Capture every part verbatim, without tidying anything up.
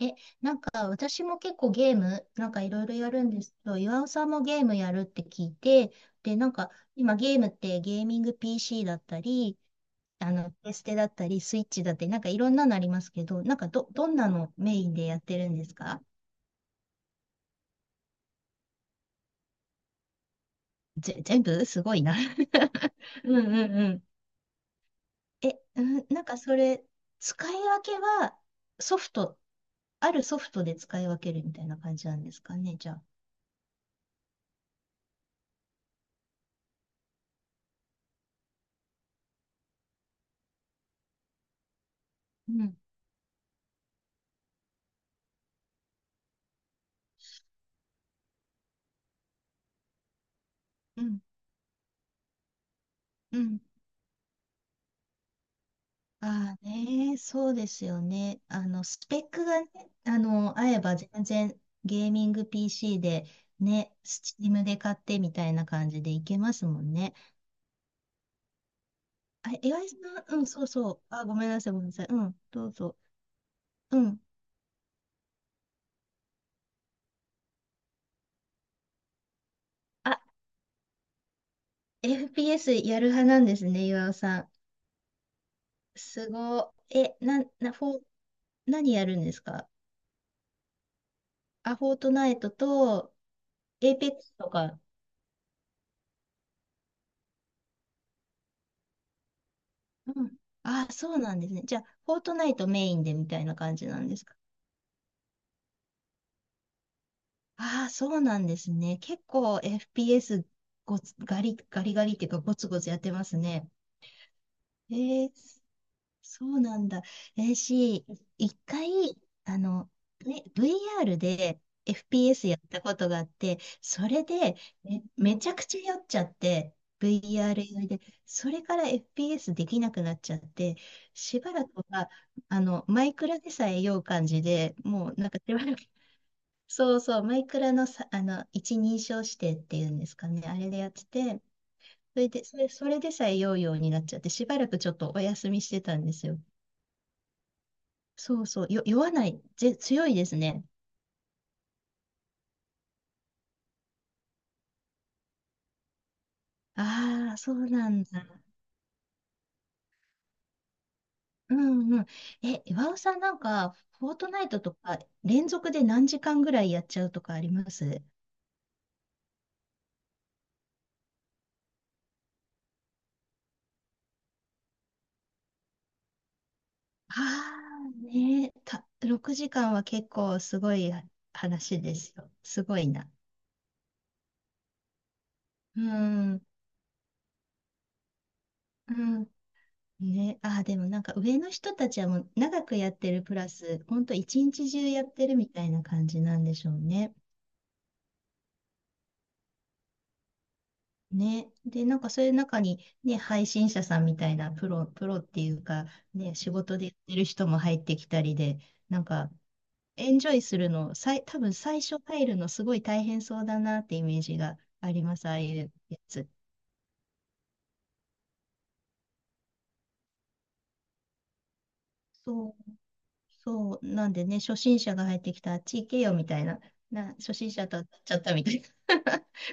え、なんか私も結構ゲーム、なんかいろいろやるんですけど、岩尾さんもゲームやるって聞いて、で、なんか今ゲームってゲーミング ピーシー だったり、あの、プレステだったり、スイッチだったり、なんかいろんなのありますけど、なんかど、どんなのメインでやってるんですか？ぜ、全部 すごいな うんうんうん。え、うん、なんかそれ、使い分けはソフト、あるソフトで使い分けるみたいな感じなんですかね、じゃあ。うん、うん、うん。ああね、そうですよね。あの、スペックがね、あの、合えば全然ゲーミング ピーシー でね、スチームで買ってみたいな感じでいけますもんね。あ、岩井さん、うん、そうそう。あ、ごめんなさい、ごめんなさい。うん、どうぞ。うん。あ、エフピーエス やる派なんですね、岩尾さん。すごい。え、な、な、フォー、何やるんですか？あ、フォートナイトと、エイペックスとか。うん。あ、そうなんですね。じゃあ、フォートナイトメインでみたいな感じなんですか？ああ、そうなんですね。結構 エフピーエス ごつガリ、ガリガリっていうかゴツゴツやってますね。えー、そうなんだ。えー、し、一回、あの、ね、ブイアール で エフピーエス やったことがあって、それでめ、めちゃくちゃ酔っちゃって、ブイアール 酔いで、それから エフピーエス できなくなっちゃって、しばらくは、あの、マイクラでさえ酔う感じで、もうなんかしばらくそうそう、マイクラのさ、あの、一人称指定っていうんですかね、あれでやってて、それで、それ、それでさえ酔うようになっちゃって、しばらくちょっとお休みしてたんですよ。そうそう、よ、酔わない、ぜ、強いですね。ああ、そうなんだ。うんうん。え、岩尾さんなんか、フォートナイトとか、連続で何時間ぐらいやっちゃうとかあります？ああー、ねえ、た、ろくじかんは結構すごい話ですよ。すごいな。うん、うん。ね、ああ、でもなんか上の人たちはもう長くやってるプラス、ほんと一日中やってるみたいな感じなんでしょうね。ね。で、なんかそういう中にね、配信者さんみたいなプロ、プロっていうか、ね、仕事でやってる人も入ってきたりで、なんかエンジョイするの、さい、多分最初入るのすごい大変そうだなってイメージがあります、ああいうやつ。そうそう、なんでね、初心者が入ってきたら、あっち行けよみたいな、な、初心者と当たっちゃったみたい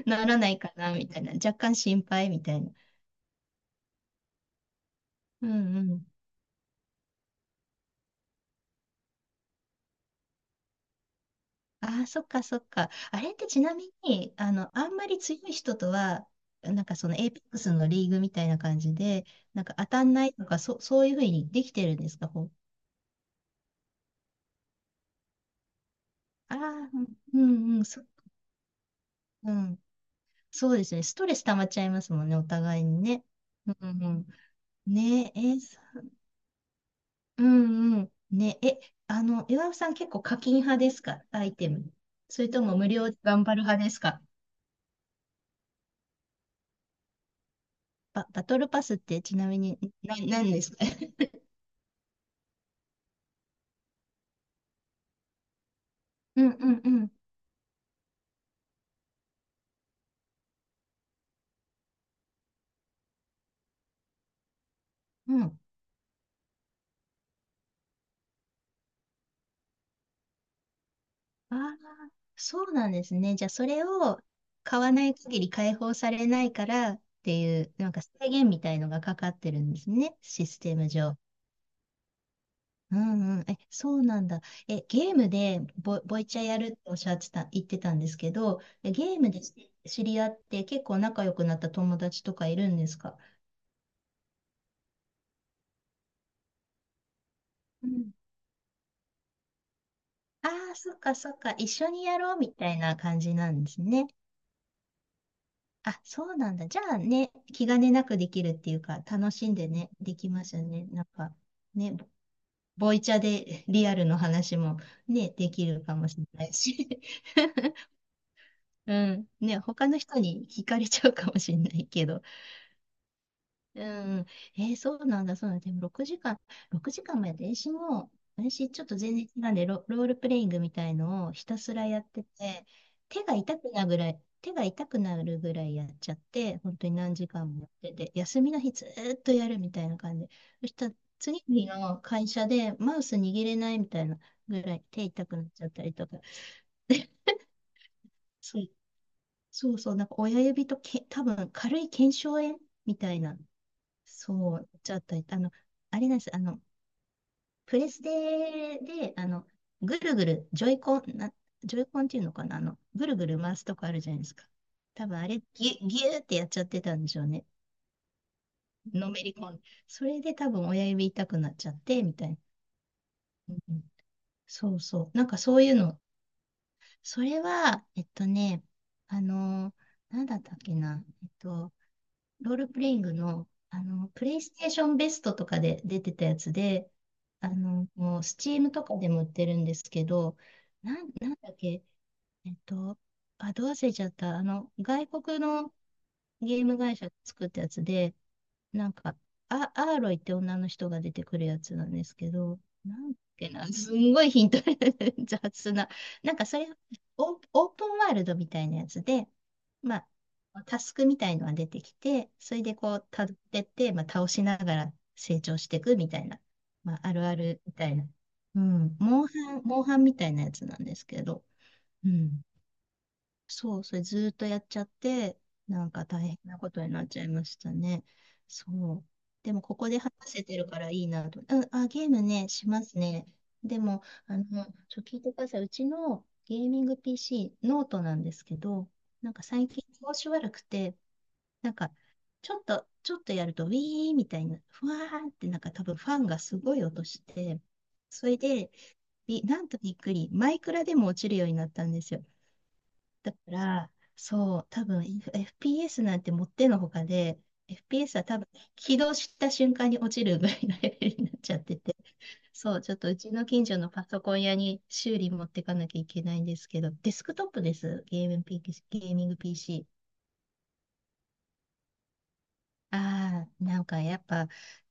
な、ならないかなみたいな、若干心配みたいな。うんうん。ああ、そっかそっか。あれってちなみに、あの、あんまり強い人とは、なんかそのエイペックスのリーグみたいな感じで、なんか当たんないとか、そ、そういうふうにできてるんですか、ほう。ああ、うんうん、そ、うん。そうですね。ストレス溜まっちゃいますもんね、お互いにね。うんうん。ねえ、えーうんうん。ね、え、あの、岩尾さん結構課金派ですか？アイテム。それとも無料頑張る派ですか？バ、バトルパスってちなみに何、何ですか？ うんうんうん。うん。ああ、そうなんですね。じゃあそれを買わない限り解放されないからっていう、なんか制限みたいのがかかってるんですね。システム上。うんうん。え、そうなんだ。え、ゲームでボ、ボイチャやるっておっしゃってた、言ってたんですけど、えゲームで知知り合って結構仲良くなった友達とかいるんですか？うん。ああ、そっかそっか。一緒にやろうみたいな感じなんですね。あ、そうなんだ。じゃあね、気兼ねなくできるっていうか、楽しんでね、できますよね。なんか、ね、ボボイチャで リアルの話もね、できるかもしれないし。うん。ね、他の人に惹かれちゃうかもしれないけど。うん。えーそうなんだ、そうなんだ。でも6時間、ろくじかんもやって、私も、私ちょっと全然違うんで、ロ、ロールプレイングみたいのをひたすらやってて、手が痛くなるぐらい、手が痛くなるぐらいやっちゃって、本当に何時間もやってて、休みの日ずーっとやるみたいな感じ。そしたら次の日の会社でマウス握れないみたいなぐらい手痛くなっちゃったりとか。そう、そうそう、なんか親指とけ、多分軽い腱鞘炎みたいな。そう、ちょっと、あの、あれなんです。あの、プレステで、あの、ぐるぐる、ジョイコン、な、ジョイコンっていうのかな、あの、ぐるぐる回すとこあるじゃないですか。多分あれ、ぎゅ、ぎゅーってやっちゃってたんでしょうね。のめり込んで。それで多分親指痛くなっちゃって、みたいな。うんうん、そうそう。なんかそういうの。それは、えっとね、あの、なんだったっけな。えっと、ロールプレイングの、あの、プレイステーションベストとかで出てたやつで、あの、もう、スチームとかでも売ってるんですけど、なん、なんだっけ、えっと、あ、どう忘れちゃった。あの、外国のゲーム会社が作ったやつで、なんか、あ、アーロイって女の人が出てくるやつなんですけど、なんだっけな、すんごいヒント 雑な。なんかそれ、オー、オープンワールドみたいなやつで、まあ、タスクみたいのが出てきて、それでこう、たどってって、まあ、倒しながら成長していくみたいな、まあ、あるあるみたいな。うん、モンハン、モンハンみたいなやつなんですけど、うん。そう、それずーっとやっちゃって、なんか大変なことになっちゃいましたね。そう。でも、ここで話せてるからいいなと。うん、あ、ゲームね、しますね。でも、あの、ちょ、聞いてください。うちのゲーミング ピーシー、ノートなんですけど、なんか最近調子悪くて、なんか、ちょっと、ちょっとやると、ウィーみたいな、ふわーって、なんか多分ファンがすごい音して、それで、びなんとびっくり、マイクラでも落ちるようになったんですよ。だから、そう、多分 エフピーエス なんてもってのほかで、エフピーエス は多分起動した瞬間に落ちるぐらいのレベルになっちゃってて、そう、ちょっとうちの近所のパソコン屋に修理持ってかなきゃいけないんですけど、デスクトップです、ゲーム ピーシー ゲーミング ピーシー。ああ、なんかやっぱ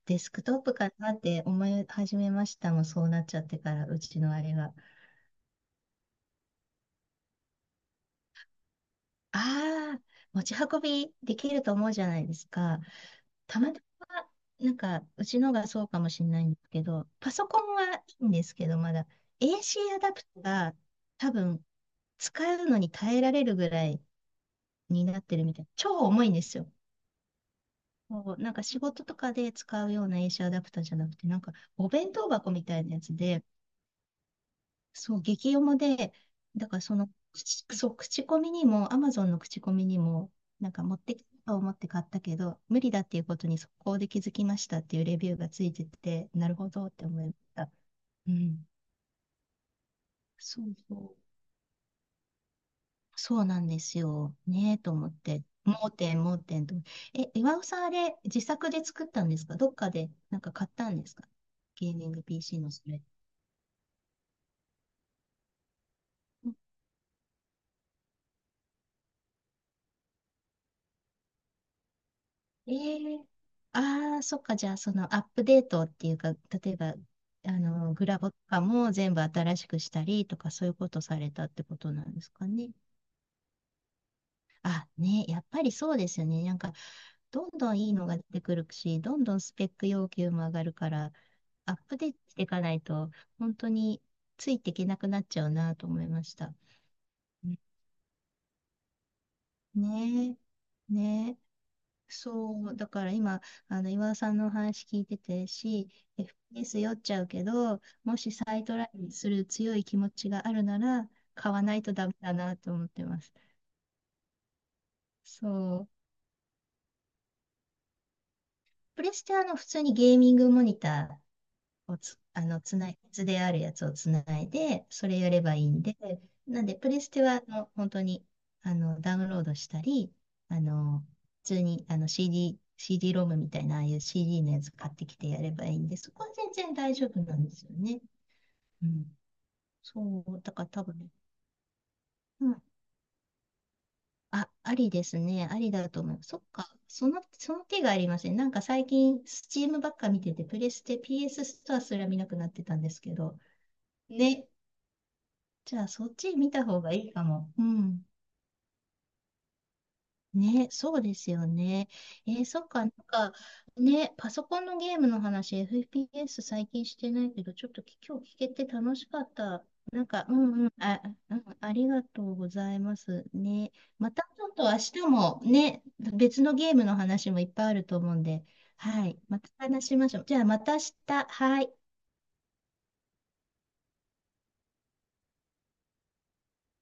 デスクトップかなって思い始めましたもん、そうなっちゃってから、うちのあれが。ああ、持ち運びできると思うじゃないですか。たまたま、なんか、うちのがそうかもしれないんですけど、パソコンはいいんですけど、まだ エーシー アダプトが多分使うのに耐えられるぐらいになってるみたい。超重いんですよ。こうなんか仕事とかで使うような エーシー アダプターじゃなくて、なんかお弁当箱みたいなやつで、そう、激読もで、だからその、口そう、口コミにも、アマゾンの口コミにも、なんか持ってきたと思って買ったけど、無理だっていうことに速攻で気づきましたっていうレビューがついてて、なるほどって思いました。うん。そうそう。そうなんですよ。ねえと思って。盲点、盲点と。え、岩尾さんあれ、自作で作ったんですか？どっかでなんか買ったんですか？ゲーミング ピーシー のそれ。ええああー、そっか。じゃあ、そのアップデートっていうか、例えば、あの、グラボとかも全部新しくしたりとか、そういうことされたってことなんですかね？あ、ね、やっぱりそうですよね。なんか、どんどんいいのが出てくるし、どんどんスペック要求も上がるから、アップデートしていかないと、本当についていけなくなっちゃうなと思いました。うん、ねえ、ね、そう、だから今、あの、岩尾さんのお話聞いててし、エフピーエス 酔っちゃうけど、もし再トライする強い気持ちがあるなら、買わないとダメだなと思ってます。そう。プレステはあの、普通にゲーミングモニタをつ、あの、つない、図であるやつをつないで、それやればいいんで、なんで、プレステは、あの、本当に、あの、ダウンロードしたり、あの、普通に、あの、シーディー、シーディー ロムみたいな、ああいう シーディー のやつ買ってきてやればいいんで、そこは全然大丈夫なんですよね。うん。そう、だから多分、うん。あ、ありですね。ありだと思う。そっか。その、その手がありません。なんか最近、スチームばっか見てて、プレステ、ピーエス スストアすら見なくなってたんですけど、ね、じゃあ、そっち見た方がいいかも。うん。ね、そうですよね。えー、そっか、なんか、ね、パソコンのゲームの話、エフピーエス 最近してないけど、ちょっとき今日聞けて楽しかった。なんか、うんうん、あ、うん、ありがとうございます。ね、またちょっと明日もね、別のゲームの話もいっぱいあると思うんで、はい、また話しましょう。じゃあ、また明日、はい。